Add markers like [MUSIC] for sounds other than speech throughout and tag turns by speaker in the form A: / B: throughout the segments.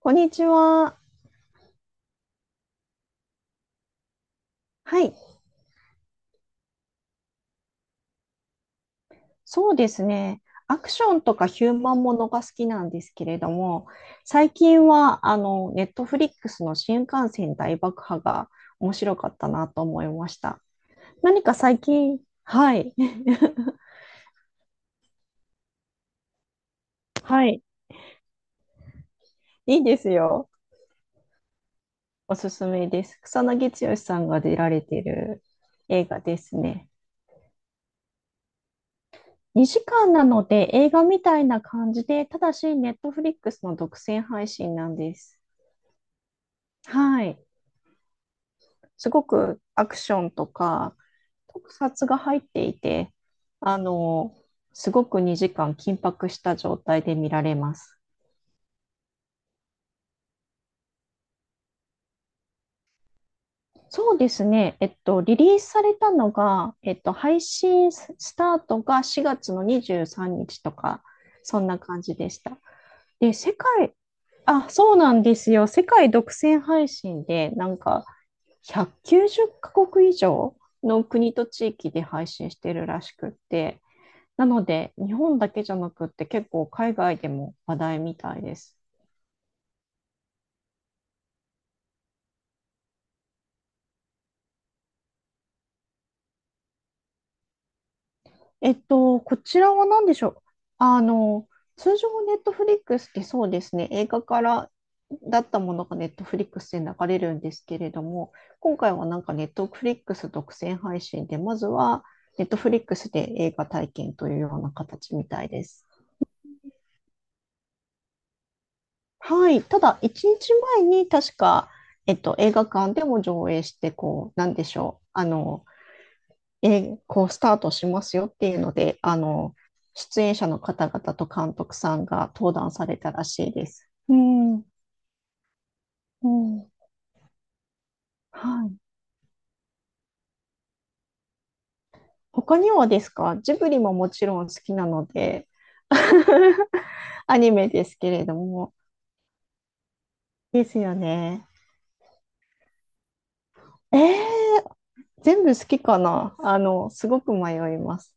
A: こんにちは。はい。そうですね。アクションとかヒューマンものが好きなんですけれども、最近は、ネットフリックスの新幹線大爆破が面白かったなと思いました。何か最近、はい。[LAUGHS] はい。[LAUGHS] いいですよ。おすすめです。草なぎ剛さんが出られている映画ですね。2時間なので映画みたいな感じで、ただし、ネットフリックスの独占配信なんです。はい。すごくアクションとか特撮が入っていて、あの、すごく2時間緊迫した状態で見られます。そうですね。リリースされたのが、配信スタートが4月の23日とか、そんな感じでした。で、世界、あ、そうなんですよ。世界独占配信で、190カ国以上の国と地域で配信してるらしくって、なので、日本だけじゃなくって結構海外でも話題みたいです。こちらは何でしょう？あの、通常ネットフリックスってそうですね、映画からだったものがネットフリックスで流れるんですけれども、今回はなんかネットフリックス独占配信で、まずはネットフリックスで映画体験というような形みたいです。はい。ただ、1日前に確か、映画館でも上映して、こう、なんでしょう。こうスタートしますよっていうので、出演者の方々と監督さんが登壇されたらしいです。うん、うん。はい。他にはですか？ジブリももちろん好きなので、[LAUGHS] アニメですけれども。ですよね。えー、全部好きかな。あの、すごく迷います。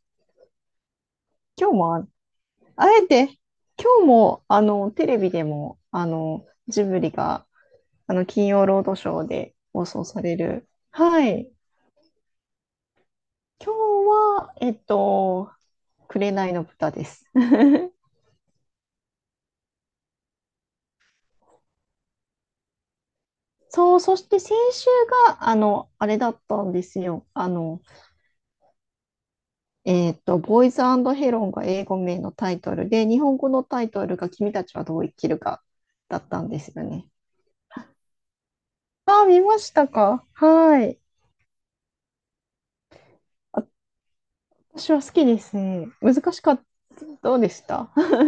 A: 今日もあ、あえて、今日も、テレビでも、ジブリが、金曜ロードショーで放送される。はい。今日は、紅の豚です。[LAUGHS] そう、そして先週が、あれだったんですよ。ボーイズヘロンが英語名のタイトルで、日本語のタイトルが君たちはどう生きるかだったんですよね。ああ、見ましたか？はい。私は好きですね。難しかった。どうでした？ [LAUGHS]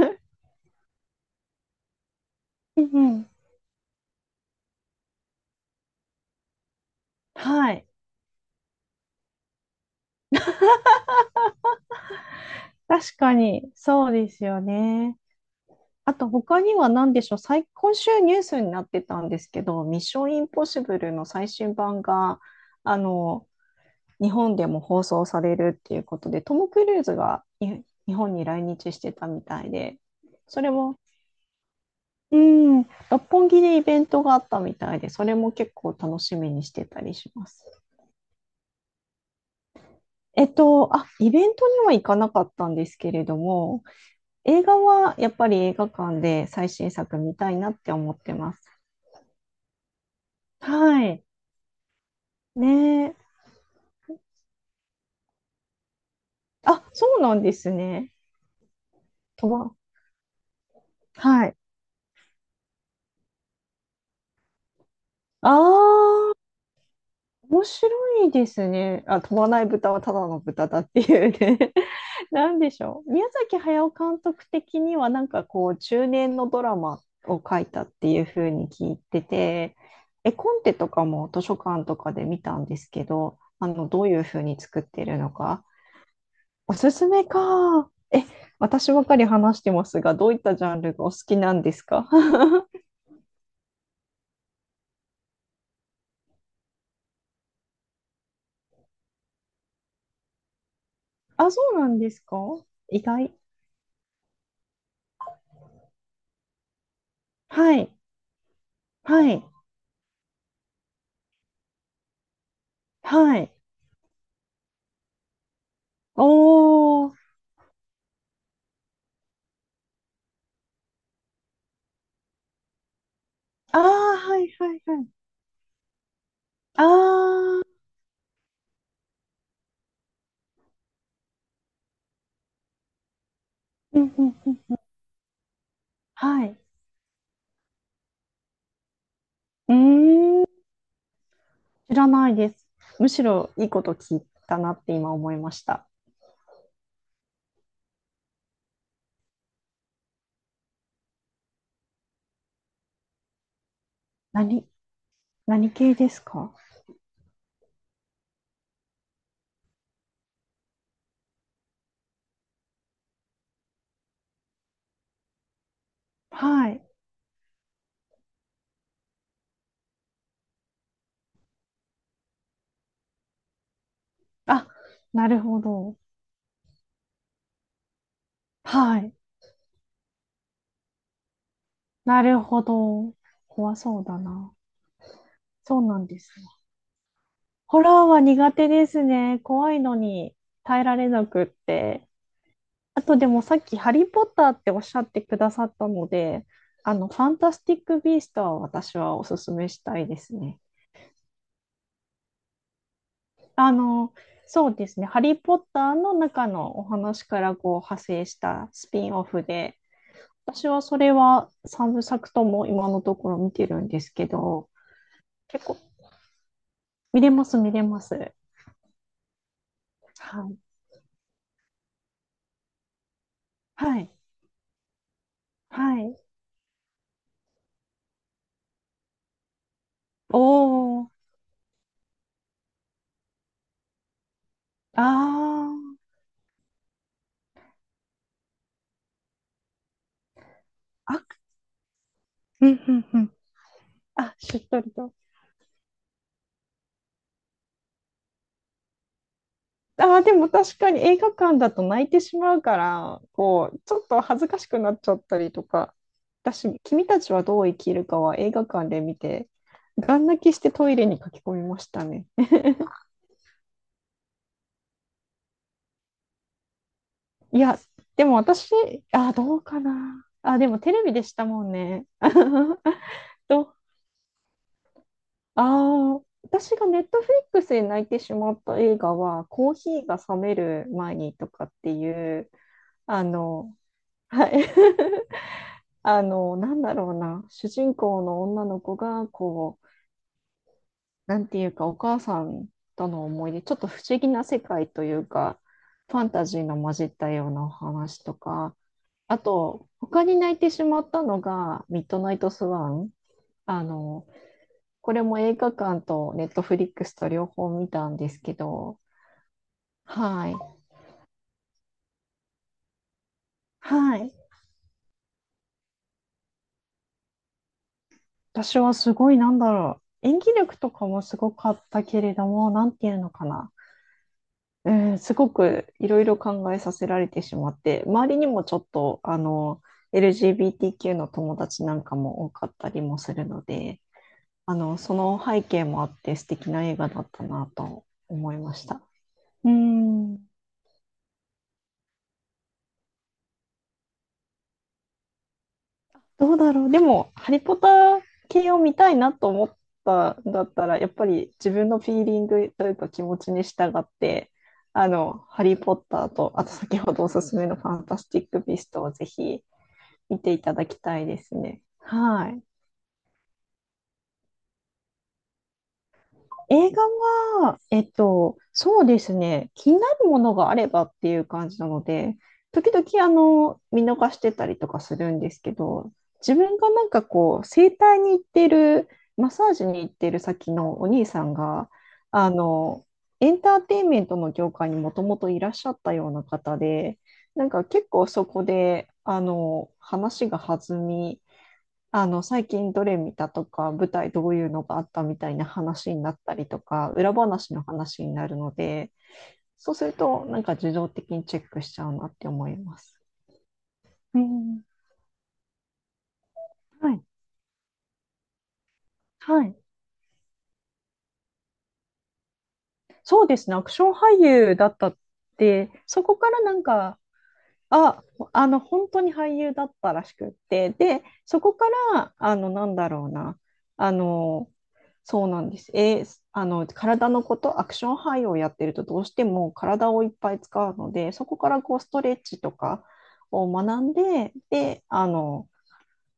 A: うんうん、はい。確かに、そうですよね。あと他には何でしょう、今週ニュースになってたんですけど、ミッションインポッシブルの最新版が、あの、日本でも放送されるっていうことで、トム・クルーズがに日本に来日してたみたいで、それも、うん、六本木でイベントがあったみたいで、それも結構楽しみにしてたりします。イベントには行かなかったんですけれども、映画はやっぱり映画館で最新作見たいなって思ってます。はい。ねえ。あ、そうなんですね。飛ば、はい。ああ、面白いですね。あ、飛ばない豚はただの豚だっていうね。[LAUGHS] なんでしょう。宮崎駿監督的には、なんかこう、中年のドラマを書いたっていうふうに聞いてて、絵コンテとかも図書館とかで見たんですけど、どういうふうに作ってるのか。おすすめか。私ばかり話してますが、どういったジャンルがお好きなんですか？あ、そうなんですか？意外。はい。はい。はい。おー。ああ、はいはいはい。ああ、うんうんうん。はい。うーん、知らないです。むしろいいこと聞いたなって今思いました。何、何系ですか？はい。あ、なるほど。はい。なるほど。怖そうだな。そうなんですね。ホラーは苦手ですね。怖いのに耐えられなくって。あとでもさっきハリー・ポッターっておっしゃってくださったので、ファンタスティック・ビーストは私はおすすめしたいですね。あの、そうですね。ハリー・ポッターの中のお話からこう派生したスピンオフで、私はそれは3部作とも今のところ見てるんですけど、結構、見れます、見れます。はい。はい。はい。おー。あー。あ、うんうんうん。あ、しっとりと。あー、でも確かに映画館だと泣いてしまうから、こう、ちょっと恥ずかしくなっちゃったりとか、私、君たちはどう生きるかは映画館で見て、ガン泣きしてトイレに駆け込みましたね。いや、でも私、あ、どうかな。あ、でもテレビでしたもんね。[LAUGHS] と、ああ私がネットフリックスで泣いてしまった映画は、コーヒーが冷める前にとかっていう、あの、はい。[LAUGHS] なんだろうな、主人公の女の子が、こう、なんていうか、お母さんとの思い出、ちょっと不思議な世界というか、ファンタジーの混じったようなお話とか、あと、他に泣いてしまったのが、ミッドナイトスワン。あの、これも映画館とネットフリックスと両方見たんですけど、はい。はい。私はすごい、なんだろう。演技力とかもすごかったけれども、なんていうのかな。うん、すごくいろいろ考えさせられてしまって、周りにもちょっと、LGBTQ の友達なんかも多かったりもするので、その背景もあって素敵な映画だったなと思いました。うーん。どうだろう。でも、ハリポタ系を見たいなと思ったんだったら、やっぱり自分のフィーリングというか気持ちに従って、ハリー・ポッターと、あと先ほどおすすめのファンタスティック・ビーストをぜひ見ていただきたいですね。はい。映画は、そうですね、気になるものがあればっていう感じなので、時々あの見逃してたりとかするんですけど、自分がなんかこう、整体に行ってる、マッサージに行ってる先のお兄さんが、あの、エンターテインメントの業界にもともといらっしゃったような方で、なんか結構そこで、話が弾み、最近どれ見たとか、舞台どういうのがあったみたいな話になったりとか、裏話の話になるので、そうすると、なんか自動的にチェックしちゃうなって思います。うん、はい、はい。そうですね、アクション俳優だったって、そこからなんか、あ、本当に俳優だったらしくって、で、そこから、あの、なんだろうな、あの、そうなんです。体のこと、アクション俳優をやってると、どうしても体をいっぱい使うので、そこからこう、ストレッチとかを学んで、で、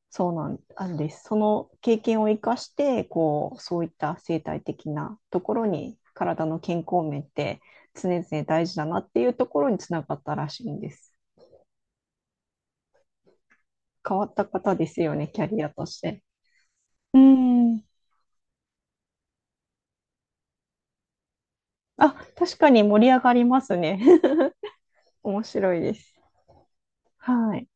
A: そうなんです。その経験を生かして、こう、そういった生態的なところに、体の健康面って常々大事だなっていうところにつながったらしいんです。変わった方ですよね、キャリアとして。うん。あ、確かに盛り上がりますね。[LAUGHS] 面白いです。はい。